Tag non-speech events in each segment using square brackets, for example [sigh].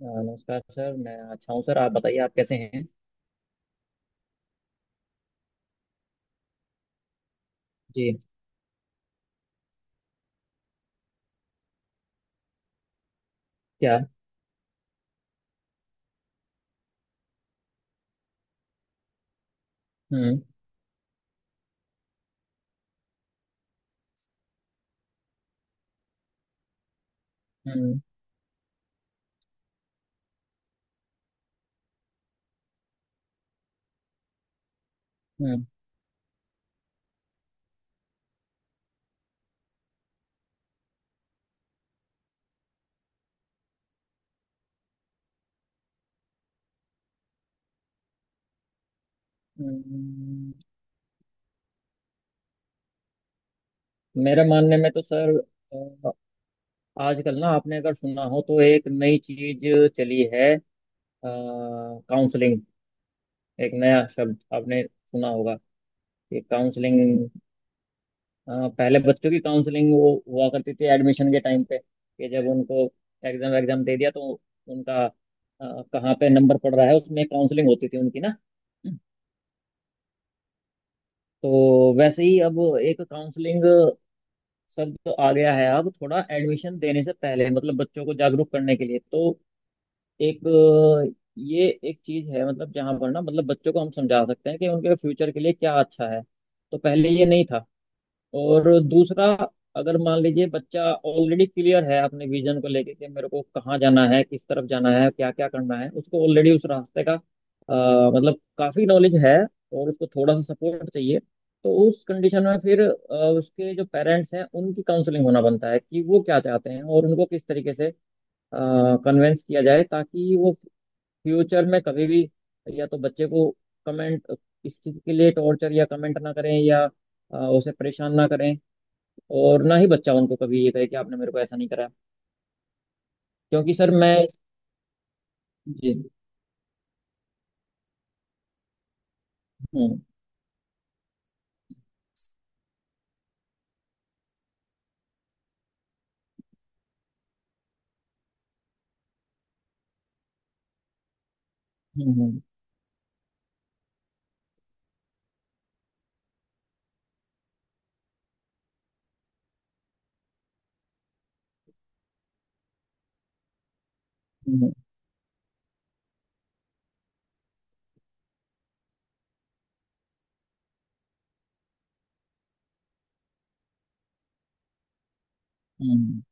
नमस्कार सर, मैं अच्छा हूँ। सर आप बताइए, आप कैसे हैं? जी। क्या? हम्म। हम्म। हम्म। हम्म। मेरे मानने में तो सर, अ, आजकल ना आपने अगर सुना हो तो एक नई चीज चली है। काउंसलिंग, एक नया शब्द आपने सुना होगा, कि काउंसलिंग। पहले बच्चों की काउंसलिंग वो हुआ करती थी, एडमिशन के टाइम पे, कि जब उनको एग्जाम एग्जाम दे दिया तो उनका कहाँ पे नंबर पड़ रहा है, उसमें काउंसलिंग होती थी उनकी ना। तो वैसे ही अब एक काउंसलिंग शब्द आ गया है। अब थोड़ा एडमिशन देने से पहले मतलब बच्चों को जागरूक करने के लिए, तो एक ये एक चीज है, मतलब जहां पर ना मतलब बच्चों को हम समझा सकते हैं कि उनके फ्यूचर के लिए क्या अच्छा है। तो पहले ये नहीं था। और दूसरा, अगर मान लीजिए बच्चा ऑलरेडी क्लियर है अपने विजन को लेके, कि मेरे को कहाँ जाना है, किस तरफ जाना है, क्या क्या करना है, उसको ऑलरेडी उस रास्ते का मतलब काफी नॉलेज है, और उसको थोड़ा सा सपोर्ट चाहिए। तो उस कंडीशन में फिर उसके जो पेरेंट्स हैं उनकी काउंसलिंग होना बनता है, कि वो क्या चाहते हैं और उनको किस तरीके से कन्वेंस किया जाए, ताकि वो फ्यूचर में कभी भी या तो बच्चे को कमेंट इस चीज के लिए टॉर्चर या कमेंट ना करें, या उसे परेशान ना करें, और ना ही बच्चा उनको कभी ये कहे कि आपने मेरे को ऐसा नहीं कराया। क्योंकि सर मैं। जी। हम्म। हम्म। हम्म। हम्म। हम्म।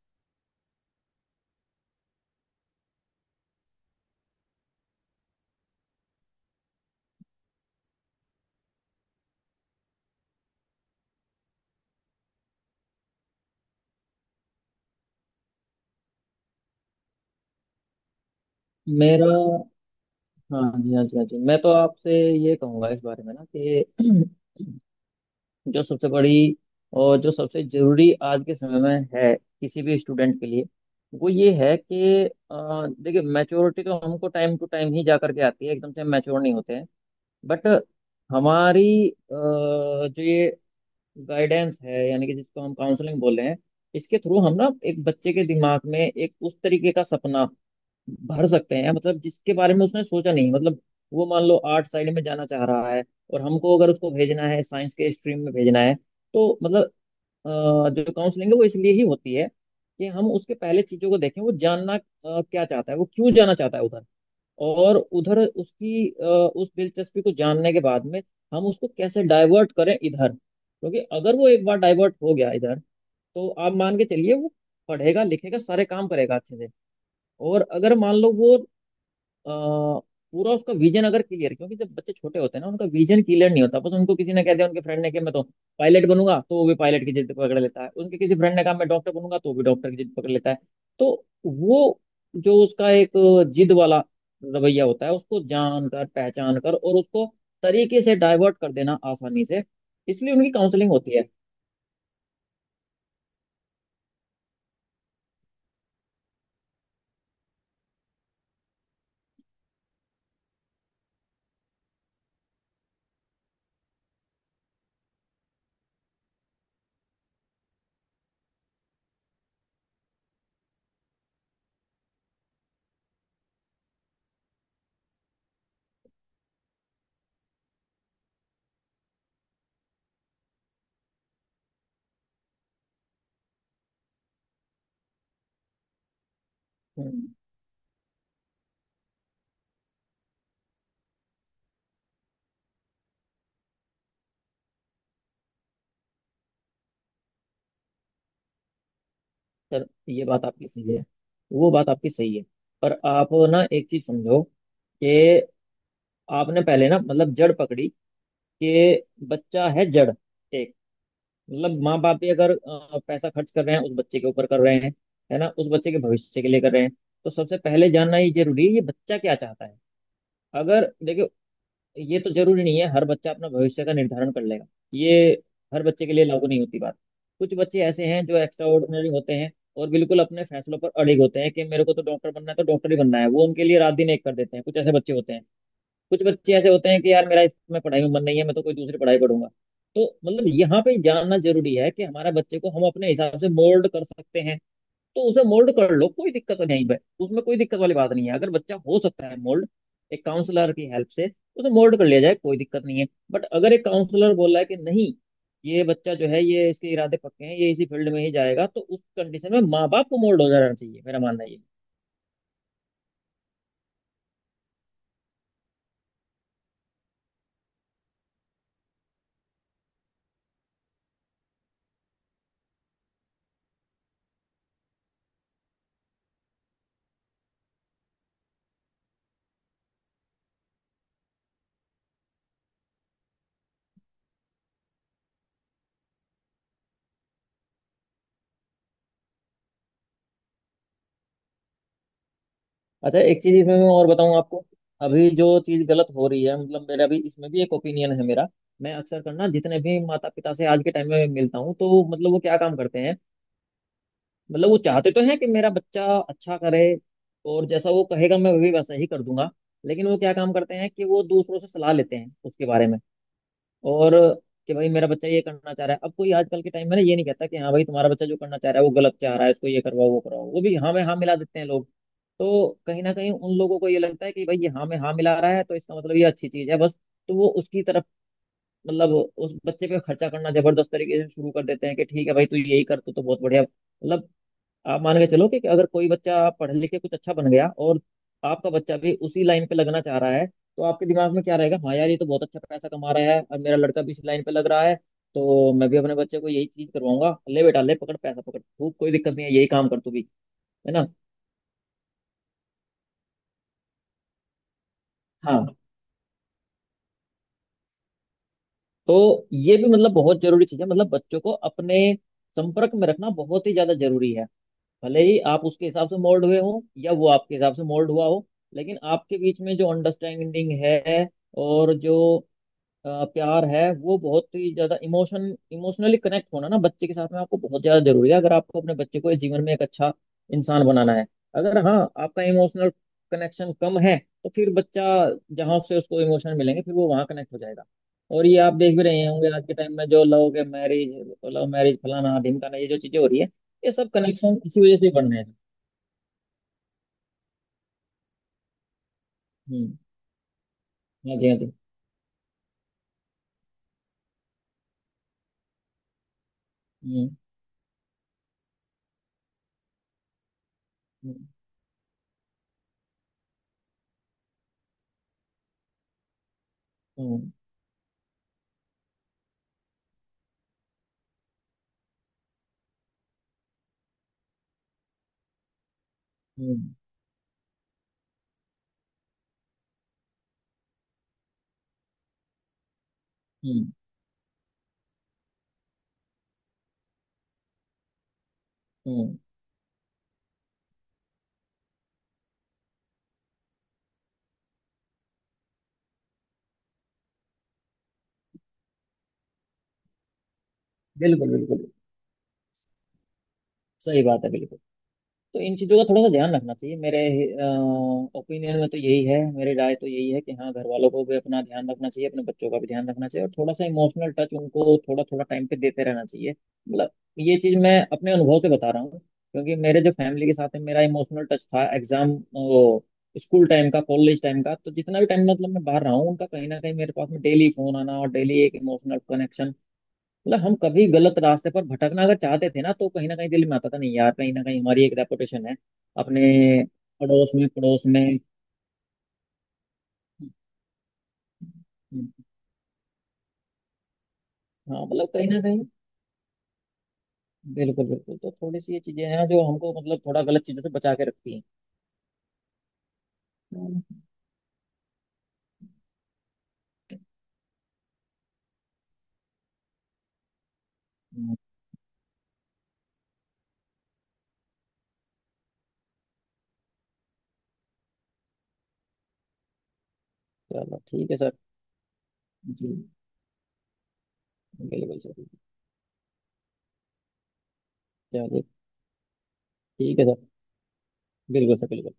मेरा। हाँ जी, हाँ जी, हाँ जी, मैं तो आपसे ये कहूँगा इस बारे में ना कि [clears throat] जो सबसे बड़ी और जो सबसे जरूरी आज के समय में है किसी भी स्टूडेंट के लिए, वो ये है कि देखिए, मैच्योरिटी तो हमको टाइम टू टाइम ही जा करके आती है, एकदम से हम मैच्योर नहीं होते हैं। बट हमारी जो ये गाइडेंस है, यानी कि जिसको हम काउंसलिंग बोल रहे हैं, इसके थ्रू हम ना एक बच्चे के दिमाग में एक उस तरीके का सपना भर सकते हैं, मतलब जिसके बारे में उसने सोचा नहीं, मतलब वो मान लो आर्ट साइड में जाना चाह रहा है, और हमको अगर उसको भेजना है साइंस के स्ट्रीम में भेजना है, तो मतलब अ, जो काउंसलिंग है वो इसलिए ही होती है, कि हम उसके पहले चीजों को देखें, वो जानना क्या चाहता है, वो क्यों जाना चाहता है उधर, और उधर उसकी उस दिलचस्पी को जानने के बाद में, हम उसको कैसे डाइवर्ट करें इधर, क्योंकि अगर वो एक बार डाइवर्ट हो गया इधर, तो आप मान के चलिए वो पढ़ेगा लिखेगा सारे काम करेगा अच्छे से। और अगर मान लो वो पूरा, उसका विजन अगर क्लियर, क्योंकि जब बच्चे छोटे होते हैं ना उनका विजन क्लियर नहीं होता, बस उनको किसी ने कह दिया, उनके फ्रेंड ने, कि मैं तो पायलट बनूंगा, तो वो भी पायलट की जिद पकड़ लेता है। उनके किसी फ्रेंड ने कहा मैं डॉक्टर बनूंगा, तो वो भी डॉक्टर की जिद पकड़ लेता है। तो वो जो उसका एक जिद वाला रवैया होता है, उसको जान कर पहचान कर, और उसको तरीके से डाइवर्ट कर देना आसानी से, इसलिए उनकी काउंसलिंग होती है। हम्म। सर, ये बात आपकी सही है, वो बात आपकी सही है। पर आप ना एक चीज समझो, कि आपने पहले ना मतलब जड़ पकड़ी, कि बच्चा है जड़ एक, मतलब माँ बाप भी अगर पैसा खर्च कर रहे हैं उस बच्चे के ऊपर कर रहे हैं, है ना, उस बच्चे के भविष्य के लिए कर रहे हैं, तो सबसे पहले जानना ये जरूरी है ये बच्चा क्या चाहता है। अगर देखो, ये तो जरूरी नहीं है हर बच्चा अपना भविष्य का निर्धारण कर लेगा, ये हर बच्चे के लिए लागू नहीं होती बात। कुछ बच्चे ऐसे हैं जो एक्स्ट्रा ऑर्डिनरी होते हैं, और बिल्कुल अपने फैसलों पर अड़िग होते हैं, कि मेरे को तो डॉक्टर बनना है तो डॉक्टर ही बनना है, वो उनके लिए रात दिन एक कर देते हैं, कुछ ऐसे बच्चे होते हैं। कुछ बच्चे ऐसे होते हैं कि यार मेरा इसमें पढ़ाई में मन नहीं है, मैं तो कोई दूसरी पढ़ाई पढ़ूंगा। तो मतलब यहाँ पे जानना जरूरी है कि हमारे बच्चे को हम अपने हिसाब से मोल्ड कर सकते हैं, तो उसे मोल्ड कर लो, कोई दिक्कत नहीं है। उसमें कोई दिक्कत वाली बात नहीं है, अगर बच्चा हो सकता है मोल्ड एक काउंसलर की हेल्प से, उसे मोल्ड कर लिया जाए, कोई दिक्कत नहीं है। बट अगर एक काउंसलर बोला है कि नहीं, ये बच्चा जो है ये इसके इरादे पक्के हैं, ये इसी फील्ड में ही जाएगा, तो उस कंडीशन में माँ बाप को मोल्ड हो जाना चाहिए, मेरा मानना ये है। अच्छा, एक चीज इसमें मैं और बताऊं आपको। अभी जो चीज गलत हो रही है, मतलब मेरा भी इसमें भी एक ओपिनियन है मेरा। मैं अक्सर करना, जितने भी माता पिता से आज के टाइम में मिलता हूँ, तो मतलब वो क्या काम करते हैं, मतलब वो चाहते तो हैं कि मेरा बच्चा अच्छा करे, और जैसा वो कहेगा मैं भी वैसा ही कर दूंगा। लेकिन वो क्या काम करते हैं, कि वो दूसरों से सलाह लेते हैं उसके बारे में, और कि भाई मेरा बच्चा ये करना चाह रहा है, अब कोई आजकल के टाइम में ना ये नहीं कहता कि हाँ भाई तुम्हारा बच्चा जो करना चाह रहा है वो गलत चाह रहा है, इसको ये करवाओ वो करवाओ, वो भी हाँ में हाँ मिला देते हैं लोग। तो कहीं ना कहीं उन लोगों को ये लगता है कि भाई ये हाँ में हाँ मिला रहा है तो इसका मतलब ये अच्छी चीज है, बस। तो वो उसकी तरफ, मतलब उस बच्चे पे खर्चा करना जबरदस्त तरीके से शुरू कर देते हैं, कि ठीक है भाई तू यही कर, तू तो बहुत बढ़िया, मतलब आप मान के चलो कि अगर कोई बच्चा पढ़ लिख के कुछ अच्छा बन गया और आपका बच्चा भी उसी लाइन पे लगना चाह रहा है, तो आपके दिमाग में क्या रहेगा, हाँ यार ये तो बहुत अच्छा पैसा कमा रहा है, अब मेरा लड़का भी इस लाइन पे लग रहा है, तो मैं भी अपने बच्चे को यही चीज करवाऊंगा, ले बेटा ले, पकड़ पैसा पकड़ खूब, कोई दिक्कत नहीं है, यही काम कर तू भी। है ना। हाँ। तो ये भी मतलब बहुत जरूरी चीज है, मतलब बच्चों को अपने संपर्क में रखना बहुत ही ज्यादा जरूरी है, भले ही आप उसके हिसाब से मोल्ड हुए हो या वो आपके हिसाब से मोल्ड हुआ हो, लेकिन आपके बीच में जो अंडरस्टैंडिंग है और जो प्यार है, वो बहुत ही ज्यादा इमोशनली कनेक्ट होना ना बच्चे के साथ में आपको बहुत ज्यादा जरूरी है, अगर आपको अपने बच्चे को इस जीवन में एक अच्छा इंसान बनाना है। अगर, हाँ, आपका इमोशनल कनेक्शन कम है, तो फिर बच्चा जहाँ से उसको इमोशन मिलेंगे फिर वो वहाँ कनेक्ट हो जाएगा। और ये आप देख भी रहे होंगे आज के टाइम में, जो लव मैरिज फलाना ढिमकाना, ये जो चीजें हो रही है, ये सब कनेक्शन इसी वजह से बन रहे हैं। हम्म। हाँ जी, हाँ जी। हम्म। हम्म। हम्म। हम्म। हम्म। हम्म। बिल्कुल बिल्कुल। सही बात है, बिल्कुल। तो इन चीज़ों का थोड़ा सा ध्यान रखना चाहिए, मेरे ओपिनियन में तो यही है, मेरी राय तो यही है कि हाँ, घर वालों को भी अपना ध्यान रखना चाहिए, अपने बच्चों का भी ध्यान रखना चाहिए, और थोड़ा सा इमोशनल टच उनको थोड़ा थोड़ा टाइम पे देते रहना चाहिए। मतलब ये चीज़ मैं अपने अनुभव से बता रहा हूँ, क्योंकि मेरे जो फैमिली के साथ है मेरा इमोशनल टच था, एग्जाम वो स्कूल टाइम का, कॉलेज टाइम का, तो जितना भी टाइम मतलब मैं बाहर रहा हूँ, उनका कहीं ना कहीं मेरे पास में डेली फोन आना, और डेली एक इमोशनल कनेक्शन, मतलब हम कभी गलत रास्ते पर भटकना अगर चाहते थे ना, तो कहीं ना कहीं दिल में आता था, नहीं यार, कहीं ना कहीं हमारी एक रेपुटेशन है अपने पड़ोस में, पड़ोस में। हाँ, मतलब कहीं ना कहीं, बिल्कुल बिल्कुल। तो थोड़ी सी ये चीजें हैं जो हमको मतलब थोड़ा गलत चीजों से बचा के रखती हैं। हम्म। चलो ठीक है सर। जी। बिल्कुल सर। चलिए। ठीक है सर। बिल्कुल सर, बिल्कुल।